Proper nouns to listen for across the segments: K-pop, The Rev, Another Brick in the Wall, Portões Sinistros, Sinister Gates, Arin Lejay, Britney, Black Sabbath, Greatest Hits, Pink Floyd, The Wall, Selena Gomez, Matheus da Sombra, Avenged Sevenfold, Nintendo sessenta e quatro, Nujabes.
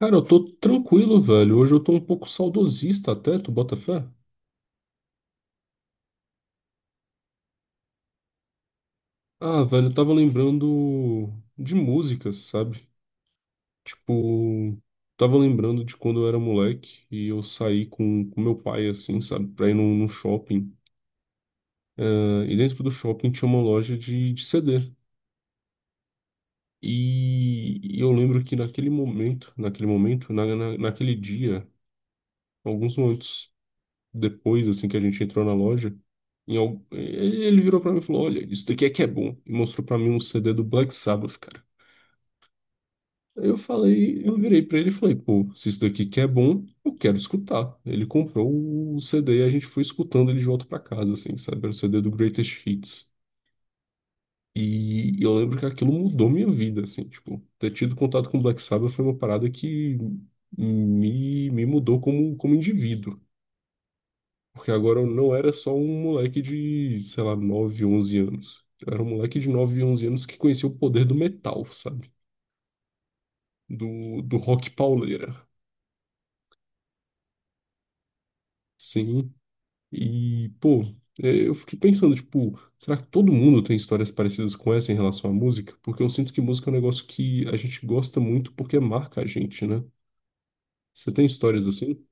Cara, eu tô tranquilo, velho. Hoje eu tô um pouco saudosista até, tu bota fé? Ah, velho, eu tava lembrando de músicas, sabe? Tipo, tava lembrando de quando eu era moleque e eu saí com meu pai, assim, sabe? Pra ir num shopping. Ah, e dentro do shopping tinha uma loja de CD. E eu lembro que naquele momento, naquele dia, alguns momentos depois, assim, que a gente entrou na loja, ele virou pra mim e falou: Olha, isso daqui é que é bom. E mostrou pra mim um CD do Black Sabbath, cara. Aí eu falei, eu virei pra ele e falei: Pô, se isso daqui que é bom, eu quero escutar. Ele comprou o CD e a gente foi escutando ele de volta pra casa, assim, sabe? Era o CD do Greatest Hits. E eu lembro que aquilo mudou minha vida, assim, tipo, ter tido contato com Black Sabbath foi uma parada que me mudou como, como indivíduo. Porque agora eu não era só um moleque de, sei lá, 9 11 anos. Eu era um moleque de 9, 11 anos que conhecia o poder do metal, sabe? Do rock pauleira. Sim. E, pô, é, eu fiquei pensando, tipo, será que todo mundo tem histórias parecidas com essa em relação à música? Porque eu sinto que música é um negócio que a gente gosta muito porque marca a gente, né? Você tem histórias assim?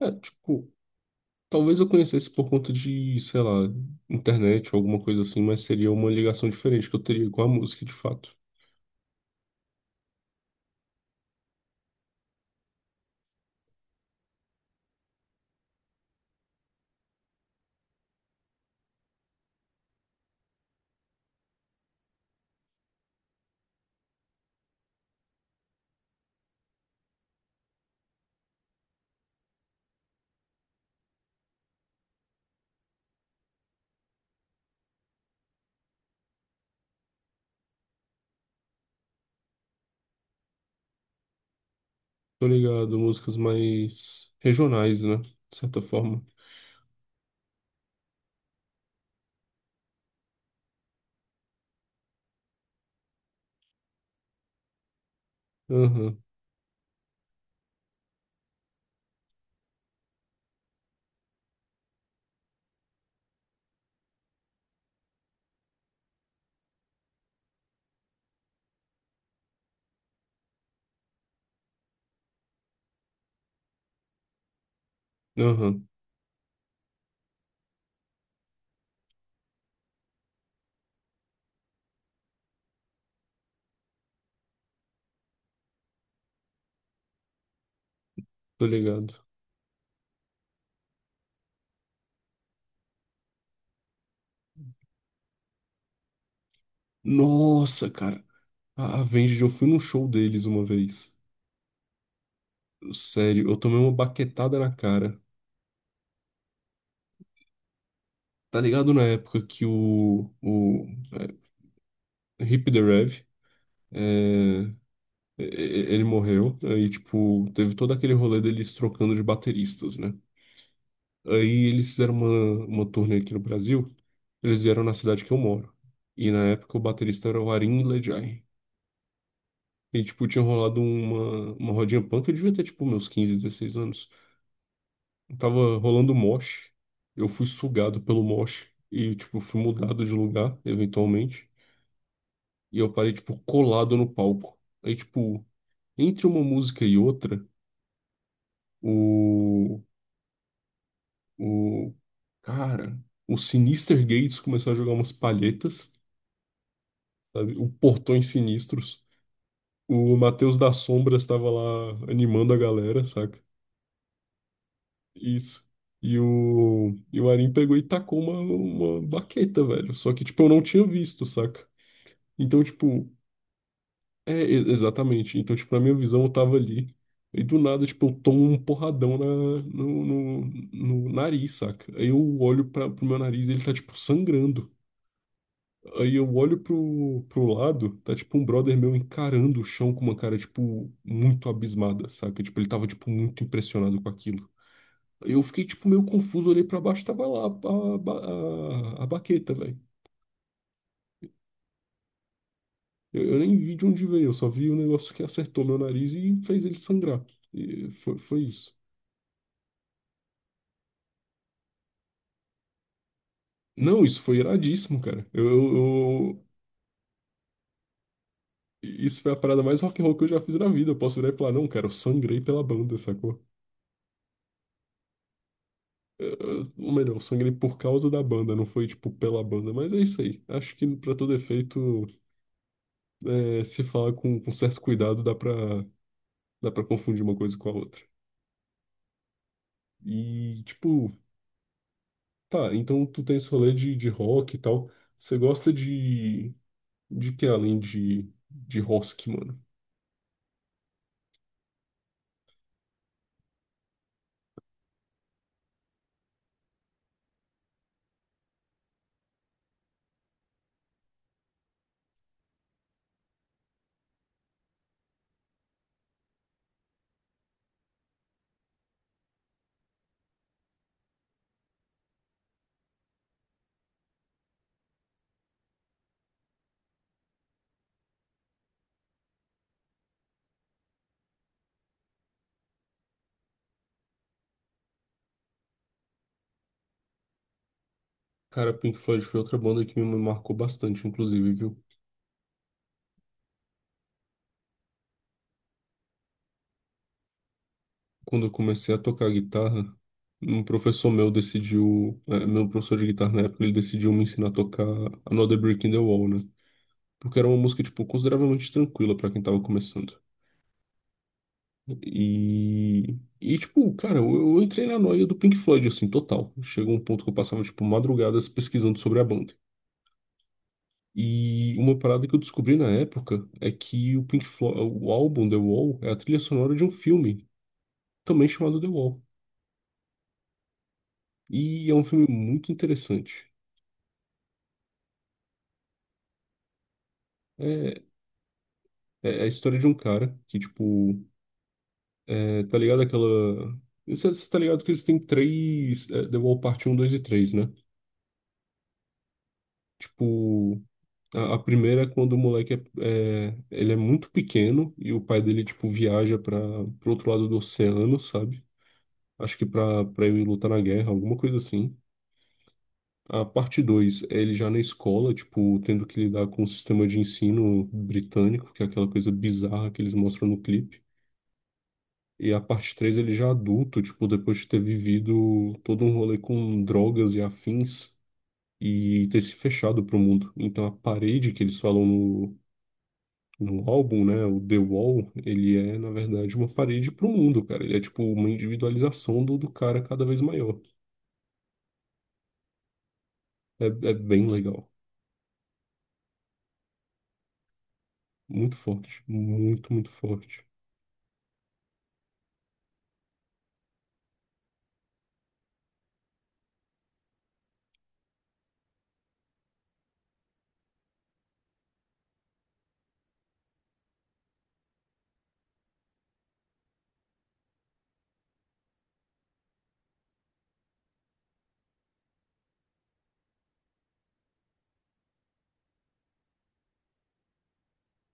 É, tipo, talvez eu conhecesse por conta de, sei lá, internet ou alguma coisa assim, mas seria uma ligação diferente que eu teria com a música de fato. Tô ligado, músicas mais regionais, né? De certa forma. Aham, aham, tô ligado. Nossa, cara, a Avenged, eu fui num show deles uma vez. Sério, eu tomei uma baquetada na cara. Tá ligado na época que o é, Hip the Rev, é, ele morreu, aí, tipo, teve todo aquele rolê deles trocando de bateristas, né? Aí eles fizeram uma turnê aqui no Brasil, eles vieram na cidade que eu moro, e na época o baterista era o Arin Lejay. E, tipo, tinha rolado uma rodinha punk, eu devia ter, tipo, meus 15, 16 anos. Tava rolando mosh, eu fui sugado pelo mosh, e, tipo, fui mudado de lugar, eventualmente, e eu parei, tipo, colado no palco. Aí, tipo, entre uma música e outra, o, o cara, o Sinister Gates começou a jogar umas palhetas, sabe? O Portões Sinistros. O Matheus da Sombra estava lá animando a galera, saca? Isso. E o Arim pegou e tacou uma baqueta, velho. Só que, tipo, eu não tinha visto, saca? Então, tipo, é, exatamente. Então, tipo, na minha visão, eu tava ali. E do nada, tipo, eu tomo um porradão na, no, no, no nariz, saca? Aí eu olho pro meu nariz e ele tá, tipo, sangrando. Aí eu olho pro lado, tá, tipo, um brother meu encarando o chão com uma cara, tipo, muito abismada, saca? Tipo, ele tava, tipo, muito impressionado com aquilo. Aí eu fiquei, tipo, meio confuso, olhei pra baixo, tava lá a baqueta, velho. Eu nem vi de onde veio, eu só vi o negócio que acertou meu nariz e fez ele sangrar. E foi, foi isso. Não, isso foi iradíssimo, cara. Eu- isso foi a parada mais rock and roll que eu já fiz na vida. Eu posso virar e falar, não, cara, eu sangrei pela banda, sacou? Ou melhor, eu sangrei por causa da banda, não foi, tipo, pela banda. Mas é isso aí. Acho que, pra todo efeito, é, se falar com certo cuidado, dá pra confundir uma coisa com a outra. E, tipo, tá, então tu tem esse rolê de rock e tal. Você gosta de que além de rock, mano? Cara, Pink Floyd foi outra banda que me marcou bastante, inclusive, viu? Quando eu comecei a tocar guitarra, um professor meu decidiu, eh, meu professor de guitarra na época, ele decidiu me ensinar a tocar Another Brick in the Wall, né? Porque era uma música, tipo, consideravelmente tranquila pra quem tava começando. E, e tipo, cara, eu entrei na noia do Pink Floyd, assim, total. Chegou um ponto que eu passava, tipo, madrugadas pesquisando sobre a banda. E uma parada que eu descobri na época é que o Pink Floyd, o álbum The Wall é a trilha sonora de um filme também chamado The Wall. E é um filme muito interessante. É, é a história de um cara que, tipo, é, tá ligado aquela. Você tá ligado que eles têm três é, The Wall Parte 1, 2 e 3 né? Tipo, a primeira é quando o moleque é, ele é muito pequeno e o pai dele, tipo, viaja para pro outro lado do oceano, sabe? Acho que pra ir lutar na guerra, alguma coisa assim. A parte 2 é ele já na escola, tipo, tendo que lidar com o sistema de ensino britânico, que é aquela coisa bizarra que eles mostram no clipe. E a parte 3 ele já adulto, tipo, depois de ter vivido todo um rolê com drogas e afins e ter se fechado pro mundo. Então a parede que eles falam no álbum, né, o The Wall, ele é, na verdade, uma parede pro mundo, cara. Ele é, tipo, uma individualização do cara cada vez maior. É, é bem legal. Muito forte. Muito, muito forte.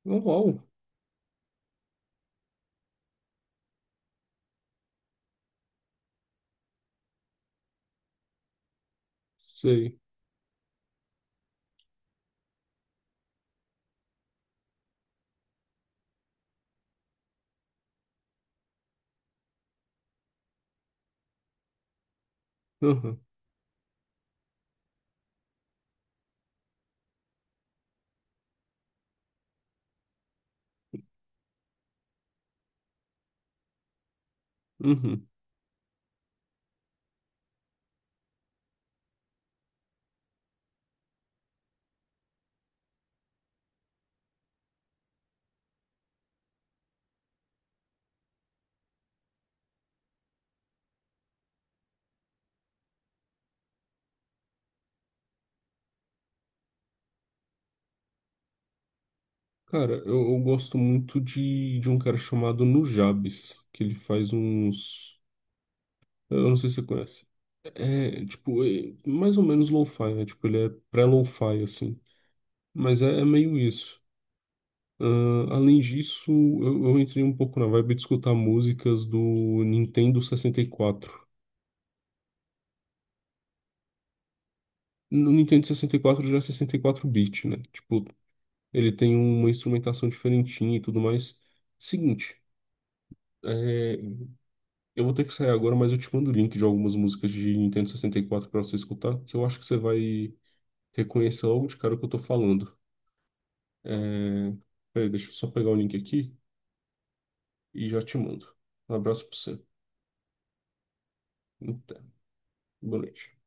Uau! Sei. Aham, uhum. Cara, eu gosto muito de um cara chamado Nujabes, que ele faz uns. Eu não sei se você conhece. É, tipo, é mais ou menos lo-fi, né? Tipo, ele é pré-lo-fi, assim. Mas é, é meio isso. Ah, além disso, eu entrei um pouco na vibe de escutar músicas do Nintendo 64. No Nintendo 64 já é 64 bit né? Tipo, ele tem uma instrumentação diferentinha e tudo mais. Seguinte. é, Eu vou ter que sair agora, mas eu te mando o link de algumas músicas de Nintendo 64 para você escutar, que eu acho que você vai reconhecer logo de cara o que eu tô falando. É... Peraí, deixa eu só pegar o link aqui e já te mando. Um abraço pra você. Até. Boa noite.